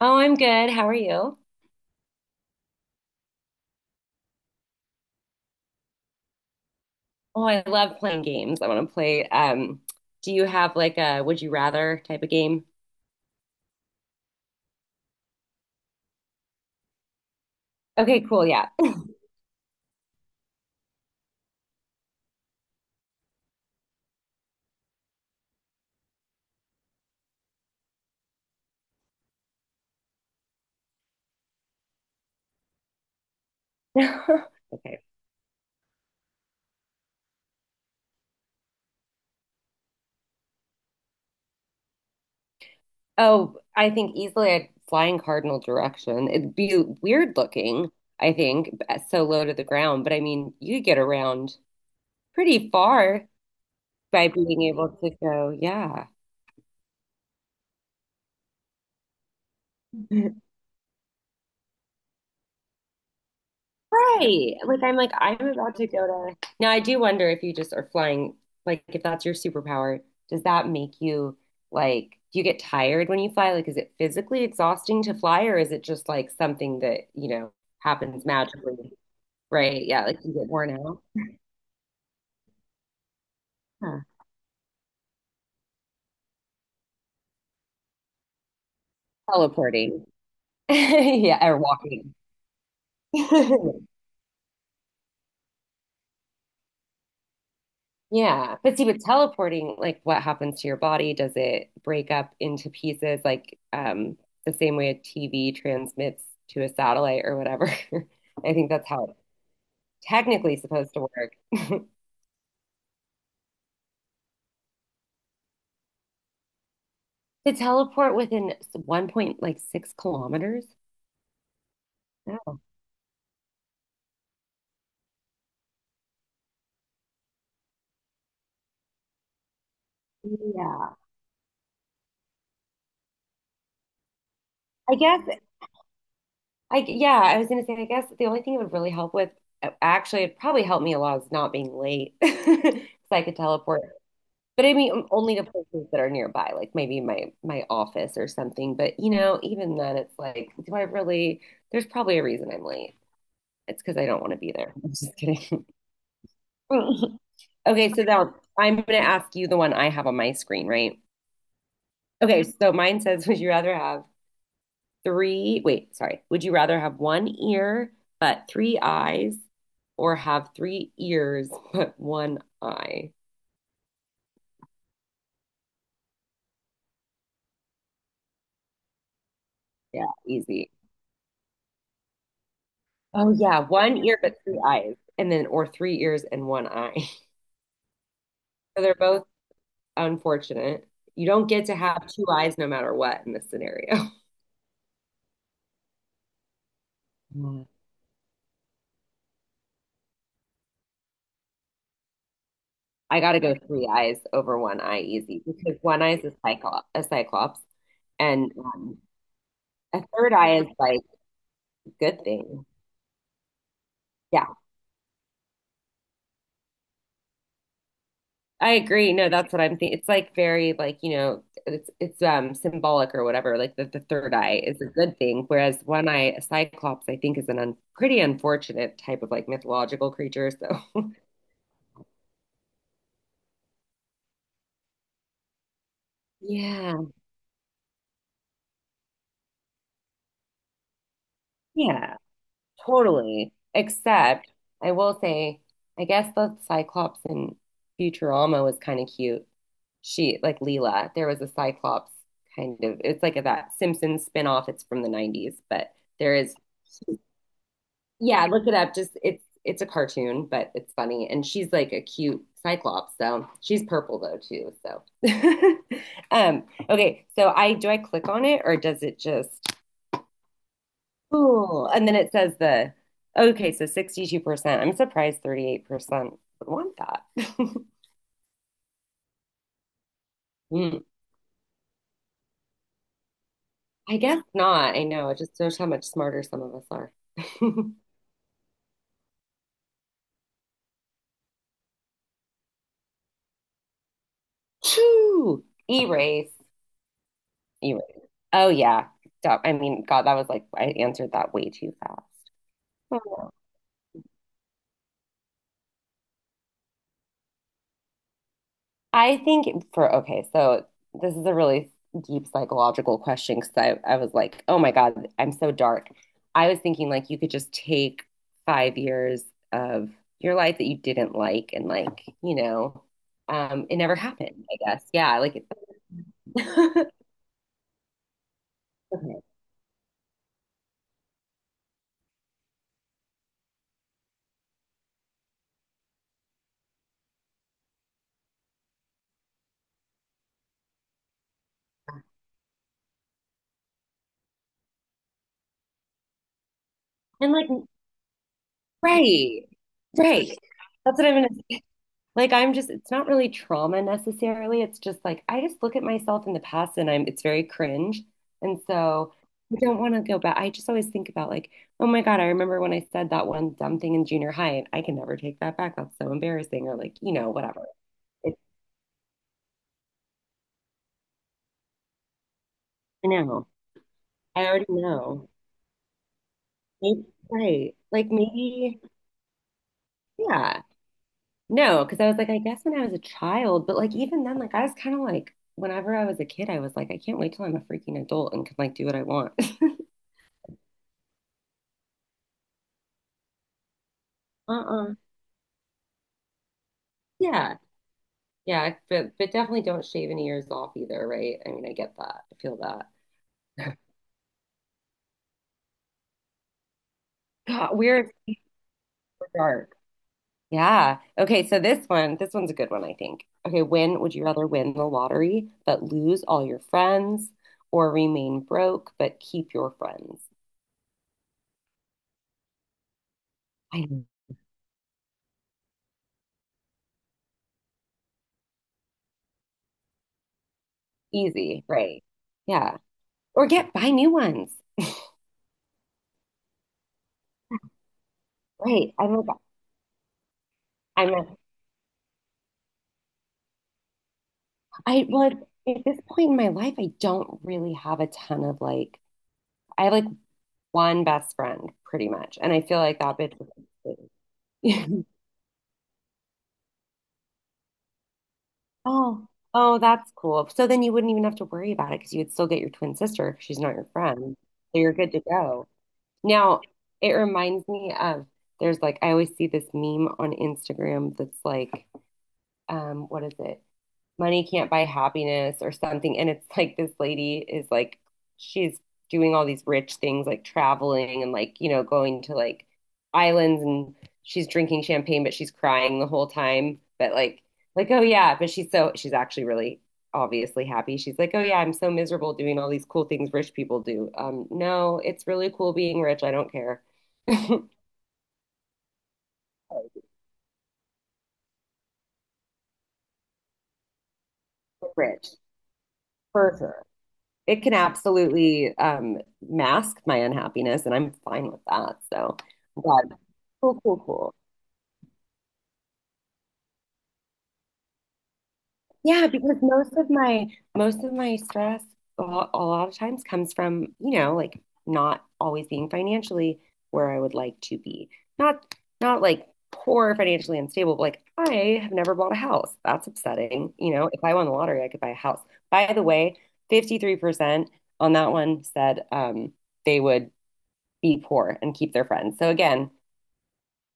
Oh, I'm good. How are you? Oh, I love playing games. I want to play. Do you have like a would you rather type of game? Okay, cool. Yeah. Okay. Oh, I think easily I'd fly in cardinal direction. It'd be weird looking, I think, so low to the ground, but I mean, you could get around pretty far by being able to go, yeah. Right. Like I'm about to go to. Now I do wonder if you just are flying, like if that's your superpower, does that make you like do you get tired when you fly? Like is it physically exhausting to fly or is it just like something that, you know, happens magically? Right. Yeah, like you get worn out. Huh. Teleporting. Yeah, or walking. Yeah, but see, with teleporting, like what happens to your body? Does it break up into pieces, the same way a TV transmits to a satellite or whatever? I think that's how it's technically supposed to work. To teleport within one point like 6 kilometers? Yeah. Yeah. I guess I yeah, I was gonna say I guess the only thing it would really help with actually it'd probably help me a lot is not being late. 'Cause I could teleport. But I mean, only to places that are nearby, like maybe my office or something. But you know, even then, it's like, do I really? There's probably a reason I'm late. It's because I don't want to be there. I'm just kidding. Okay, so now I'm going to ask you the one I have on my screen, right? Okay, so mine says, would you rather have three? Wait, sorry. Would you rather have one ear but three eyes, or have three ears but one eye? Yeah, easy. Oh yeah, one ear but three eyes, and then or three ears and one eye. So they're both unfortunate. You don't get to have two eyes no matter what in this scenario. Mm. I got to go three eyes over one eye easy because one eye is a cyclops, and a third eye is like a good thing. Yeah, I agree. No, that's what I'm thinking. It's like very like, you know, it's symbolic or whatever. Like the third eye is a good thing, whereas one eye, a cyclops, I think is an un pretty unfortunate type of like mythological creature. So yeah, yeah, totally. Except I will say, I guess the cyclops in Futurama was kind of cute. She like Leela, there was a cyclops kind of. It's like a, that Simpsons spin off. It's from the 90s, but there is. Yeah, look it up. Just it's a cartoon, but it's funny. And she's like a cute cyclops, so she's purple though too. So um okay, so I do I click on it or does it just. Oh, and then it says the okay, so 62%. I'm surprised 38% would want that. Hmm, I guess not. I know. It just shows how much smarter some of us are. Phew. Erase. Erase. Oh yeah. Stop. I mean, God, that was like I answered that way too fast. I think for okay, so this is a really deep psychological question because I was like, oh my God, I'm so dark. I was thinking like you could just take 5 years of your life that you didn't like and like, you know, it never happened, I guess. Yeah, like it, and like right, right. That's what I'm gonna. Like I'm just it's not really trauma necessarily. It's just like I just look at myself in the past and I'm it's very cringe. And so I don't want to go back. I just always think about like, oh my God, I remember when I said that one dumb thing in junior high and I can never take that back. That's so embarrassing or like, you know, whatever. It's I know. I already know. Maybe, right. Like maybe yeah. No, because I was like, I guess when I was a child, but like even then, like I was kind of like, whenever I was a kid, I was like, I can't wait till I'm a freaking adult and can like do what I want. Uh-uh. Yeah, yeah, but definitely don't shave any ears off either, right? I mean, I get that. I feel that. God, we're we dark. Yeah. Okay, so this one, this one's a good one, I think. Okay, when would you rather win the lottery but lose all your friends or remain broke but keep your friends? I know. Easy, right? Yeah. Or get buy new ones. Right. I'm a, I well at this point in my life, I don't really have a ton of like I have like one best friend, pretty much. And I feel like that bitch was Oh, oh, that's cool. So then you wouldn't even have to worry about it because you would still get your twin sister because she's not your friend. So you're good to go. Now, it reminds me of there's like, I always see this meme on Instagram that's like, what is it? Money Can't Buy Happiness or something. And it's like this lady is like, she's doing all these rich things, like traveling and like, you know, going to like islands and she's drinking champagne, but she's crying the whole time. But like, oh yeah, but she's actually really obviously happy. She's like, oh yeah, I'm so miserable doing all these cool things rich people do. No, it's really cool being rich. I don't care. Rich, for sure. It can absolutely mask my unhappiness, and I'm fine with that. So, but cool, cool, cool. Yeah, because most of my stress a lot of times comes from, you know, like not always being financially where I would like to be. Not Not like poor financially unstable, but like I have never bought a house. That's upsetting. You know, if I won the lottery, I could buy a house. By the way, 53% on that one said they would be poor and keep their friends. So again,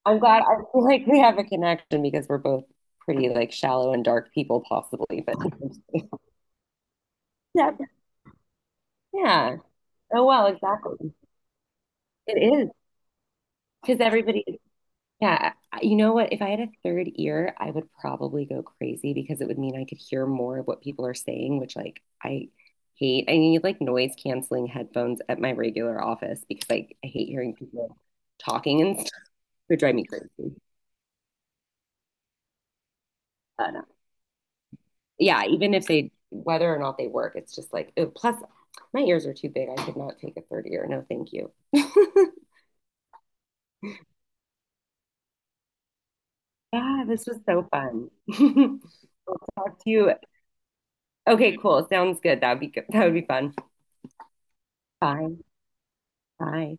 I'm glad I feel like we have a connection because we're both pretty like shallow and dark people possibly, but yeah. Yeah. Oh well, exactly. It is because everybody yeah, you know what? If I had a third ear, I would probably go crazy because it would mean I could hear more of what people are saying, which like I hate. I need like noise canceling headphones at my regular office because like I hate hearing people talking and stuff. It would drive me crazy. But yeah, even if they, whether or not they work, it's just like, oh, plus my ears are too big. I could not take a third ear. No, thank you. Yeah, this was so fun. I'll talk to you. Okay, cool. Sounds good. That would be good. That would be fun. Bye. Bye.